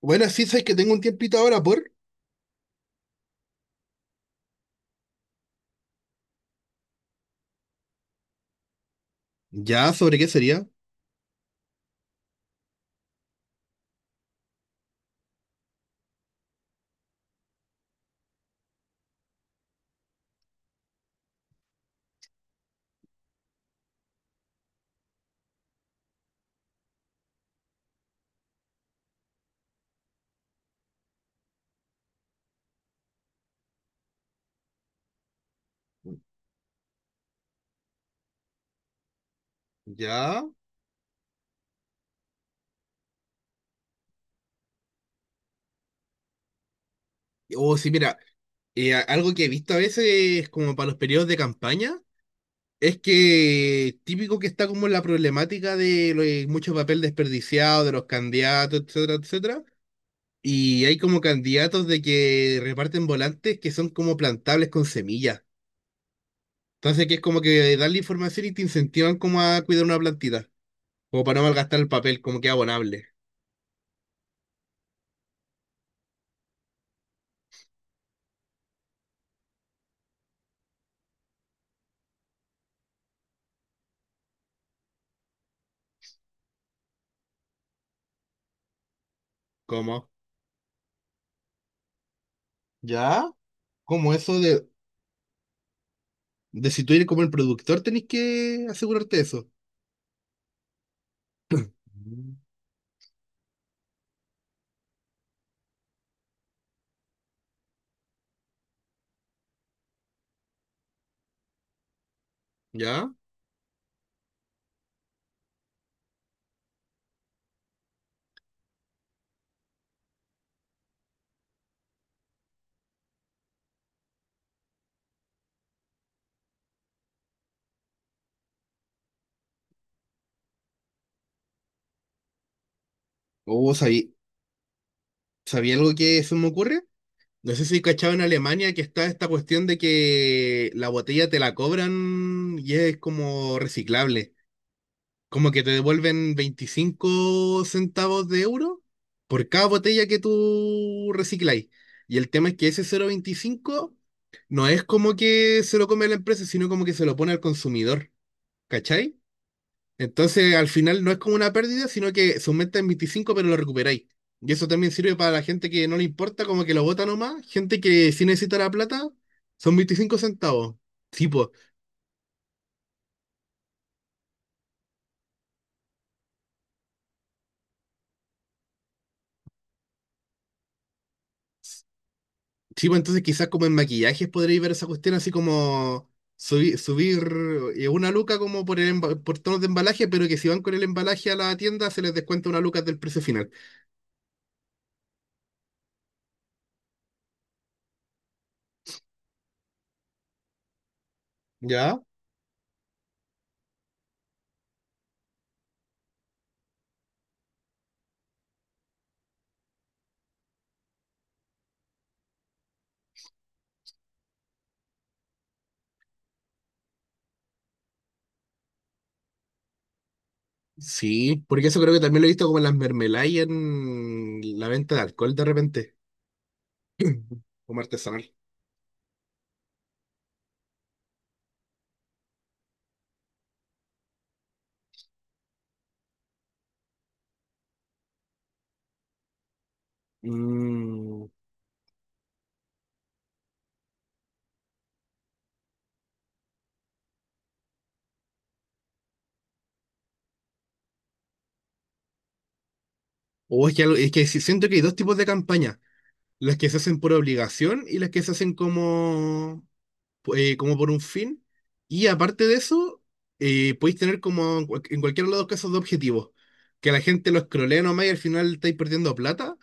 Bueno, sí, sabes que tengo un tiempito ahora por. Ya, ¿sobre qué sería? Ya. O sí, mira, algo que he visto a veces como para los periodos de campaña es que típico que está como la problemática de, lo de mucho papel desperdiciado de los candidatos, etcétera, etcétera. Y hay como candidatos de que reparten volantes que son como plantables con semillas. Entonces, que es como que dan la información y te incentivan como a cuidar una plantita, como para no malgastar el papel, como que es abonable. ¿Cómo? ¿Ya? Como eso de si tú eres como el productor, tenés que asegurarte de eso. Mm. ¿Ya? ¿O sabí, sabía algo que se me ocurre? No sé si cachado en Alemania que está esta cuestión de que la botella te la cobran y es como reciclable. Como que te devuelven 25 centavos de euro por cada botella que tú recicláis. Y el tema es que ese cero coma veinticinco no es como que se lo come la empresa, sino como que se lo pone al consumidor. ¿Cachai? Entonces, al final no es como una pérdida, sino que se aumenta en 25, pero lo recuperáis. Y eso también sirve para la gente que no le importa, como que lo bota nomás. Gente que sí necesita la plata, son 25 centavos. Sí, pues. Sí, po, entonces quizás como en maquillajes podréis ver esa cuestión así como subir una luca como por el por tonos de embalaje, pero que si van con el embalaje a la tienda se les descuenta una luca del precio final. ¿Ya? Sí, porque eso creo que también lo he visto como en las mermeladas y en la venta de alcohol de repente, como artesanal. Mm. O es que, es que siento que hay dos tipos de campañas, las que se hacen por obligación y las que se hacen como, como por un fin. Y aparte de eso, podéis tener como en en cualquiera de los dos casos de objetivos, que la gente lo escrolee nomás y al final estáis perdiendo plata,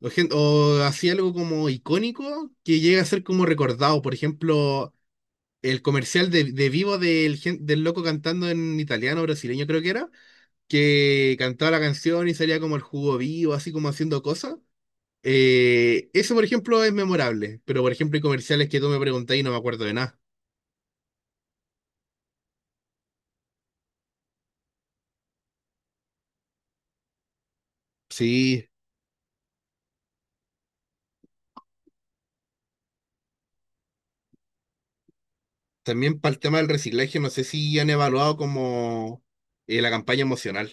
o, o así algo como icónico que llega a ser como recordado. Por ejemplo, el comercial de Vivo del, del loco cantando en italiano brasileño creo que era que cantaba la canción y salía como el jugo vivo, así como haciendo cosas. Eso, por ejemplo, es memorable, pero por ejemplo hay comerciales que tú me preguntas y no me acuerdo de nada. Sí, también para el tema del reciclaje, no sé si han evaluado como la campaña emocional,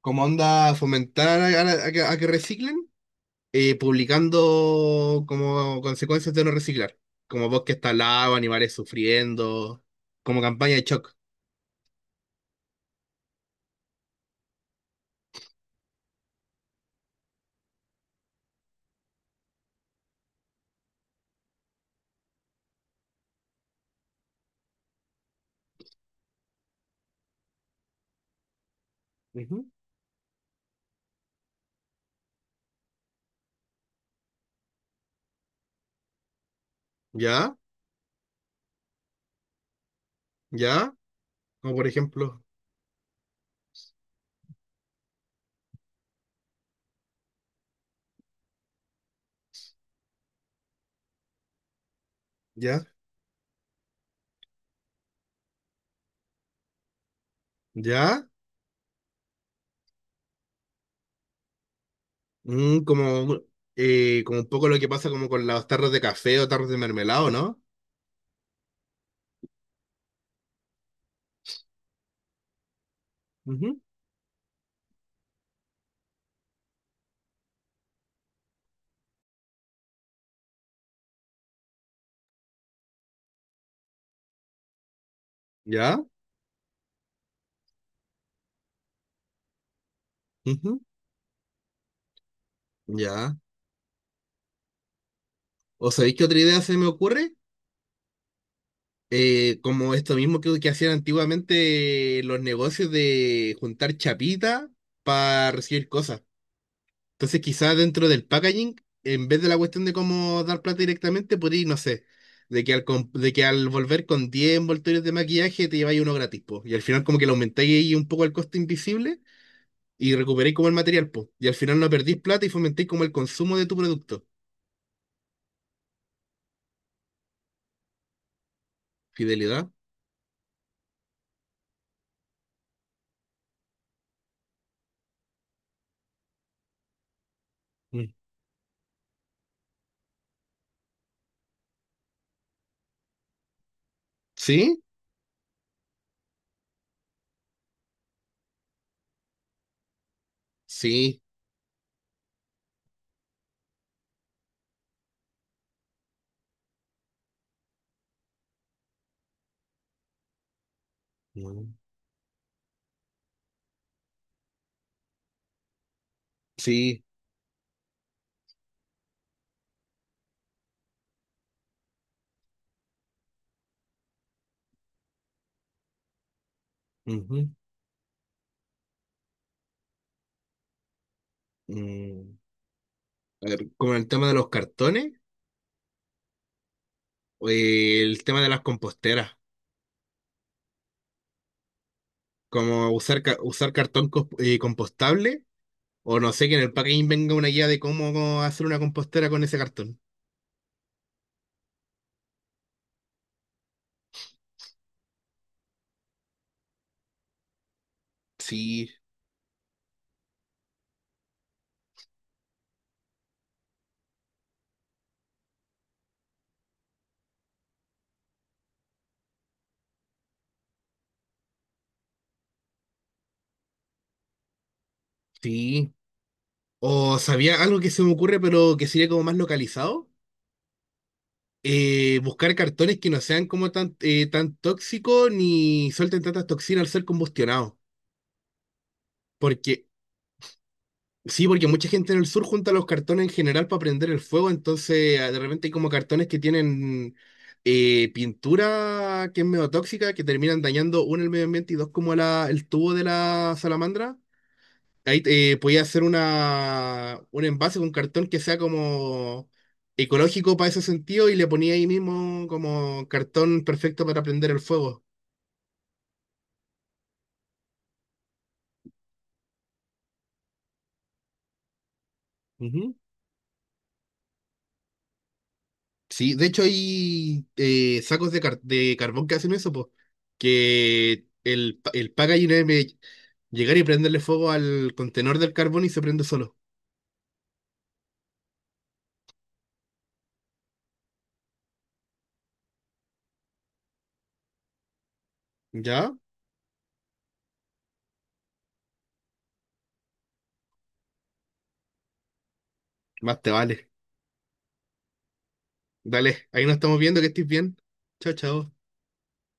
como onda fomentar a que reciclen, publicando como consecuencias de no reciclar, como bosques talados, animales sufriendo, como campaña de shock. Ujú. ¿Ya? ¿Ya? Como por ejemplo, ¿ya? ¿Ya? Mm, como, como un poco lo que pasa como con las tarros de café o tarros de mermelado, no. Ujú. ¿Ya? Ujú. ¿Ya? ¿O sabéis qué otra idea se me ocurre? Como esto mismo que hacían antiguamente los negocios de juntar chapita para recibir cosas. Entonces, quizás dentro del packaging, en vez de la cuestión de cómo dar plata directamente, podría, no sé, de que de que al volver con 10 envoltorios de maquillaje te lleváis uno gratis, po. Y al final como que le aumentáis ahí un poco el costo invisible y recuperáis como el material, po. Y al final no perdís plata y fomentáis como el consumo de tu producto. Fidelidad. Mm. ¿Sí? Sí. Mm. Sí. Ujú. Mm. A ver, como el tema de los cartones, o el tema de las composteras, como usar, usar cartón compostable. O no sé, que en el packaging venga una guía de cómo hacer una compostera con ese cartón. Sí, sí. O sabía algo que se me ocurre, pero que sería como más localizado. Buscar cartones que no sean como tan, tan tóxicos ni suelten tantas toxinas al ser combustionados. Porque, sí, porque mucha gente en el sur junta los cartones en general para prender el fuego, entonces ah, de repente hay como cartones que tienen pintura que es medio tóxica, que terminan dañando, uno, el medio ambiente y dos, como la, el tubo de la salamandra. Ahí podía hacer una, un envase con cartón que sea como ecológico para ese sentido y le ponía ahí mismo como cartón perfecto para prender el fuego. Ujú. Sí, de hecho hay sacos de carbón que hacen eso, pues, que el, el packaging es llegar y prenderle fuego al contenedor del carbón y se prende solo. ¿Ya? Más te vale. Dale, ahí nos estamos viendo, que estés bien. Chao, chao.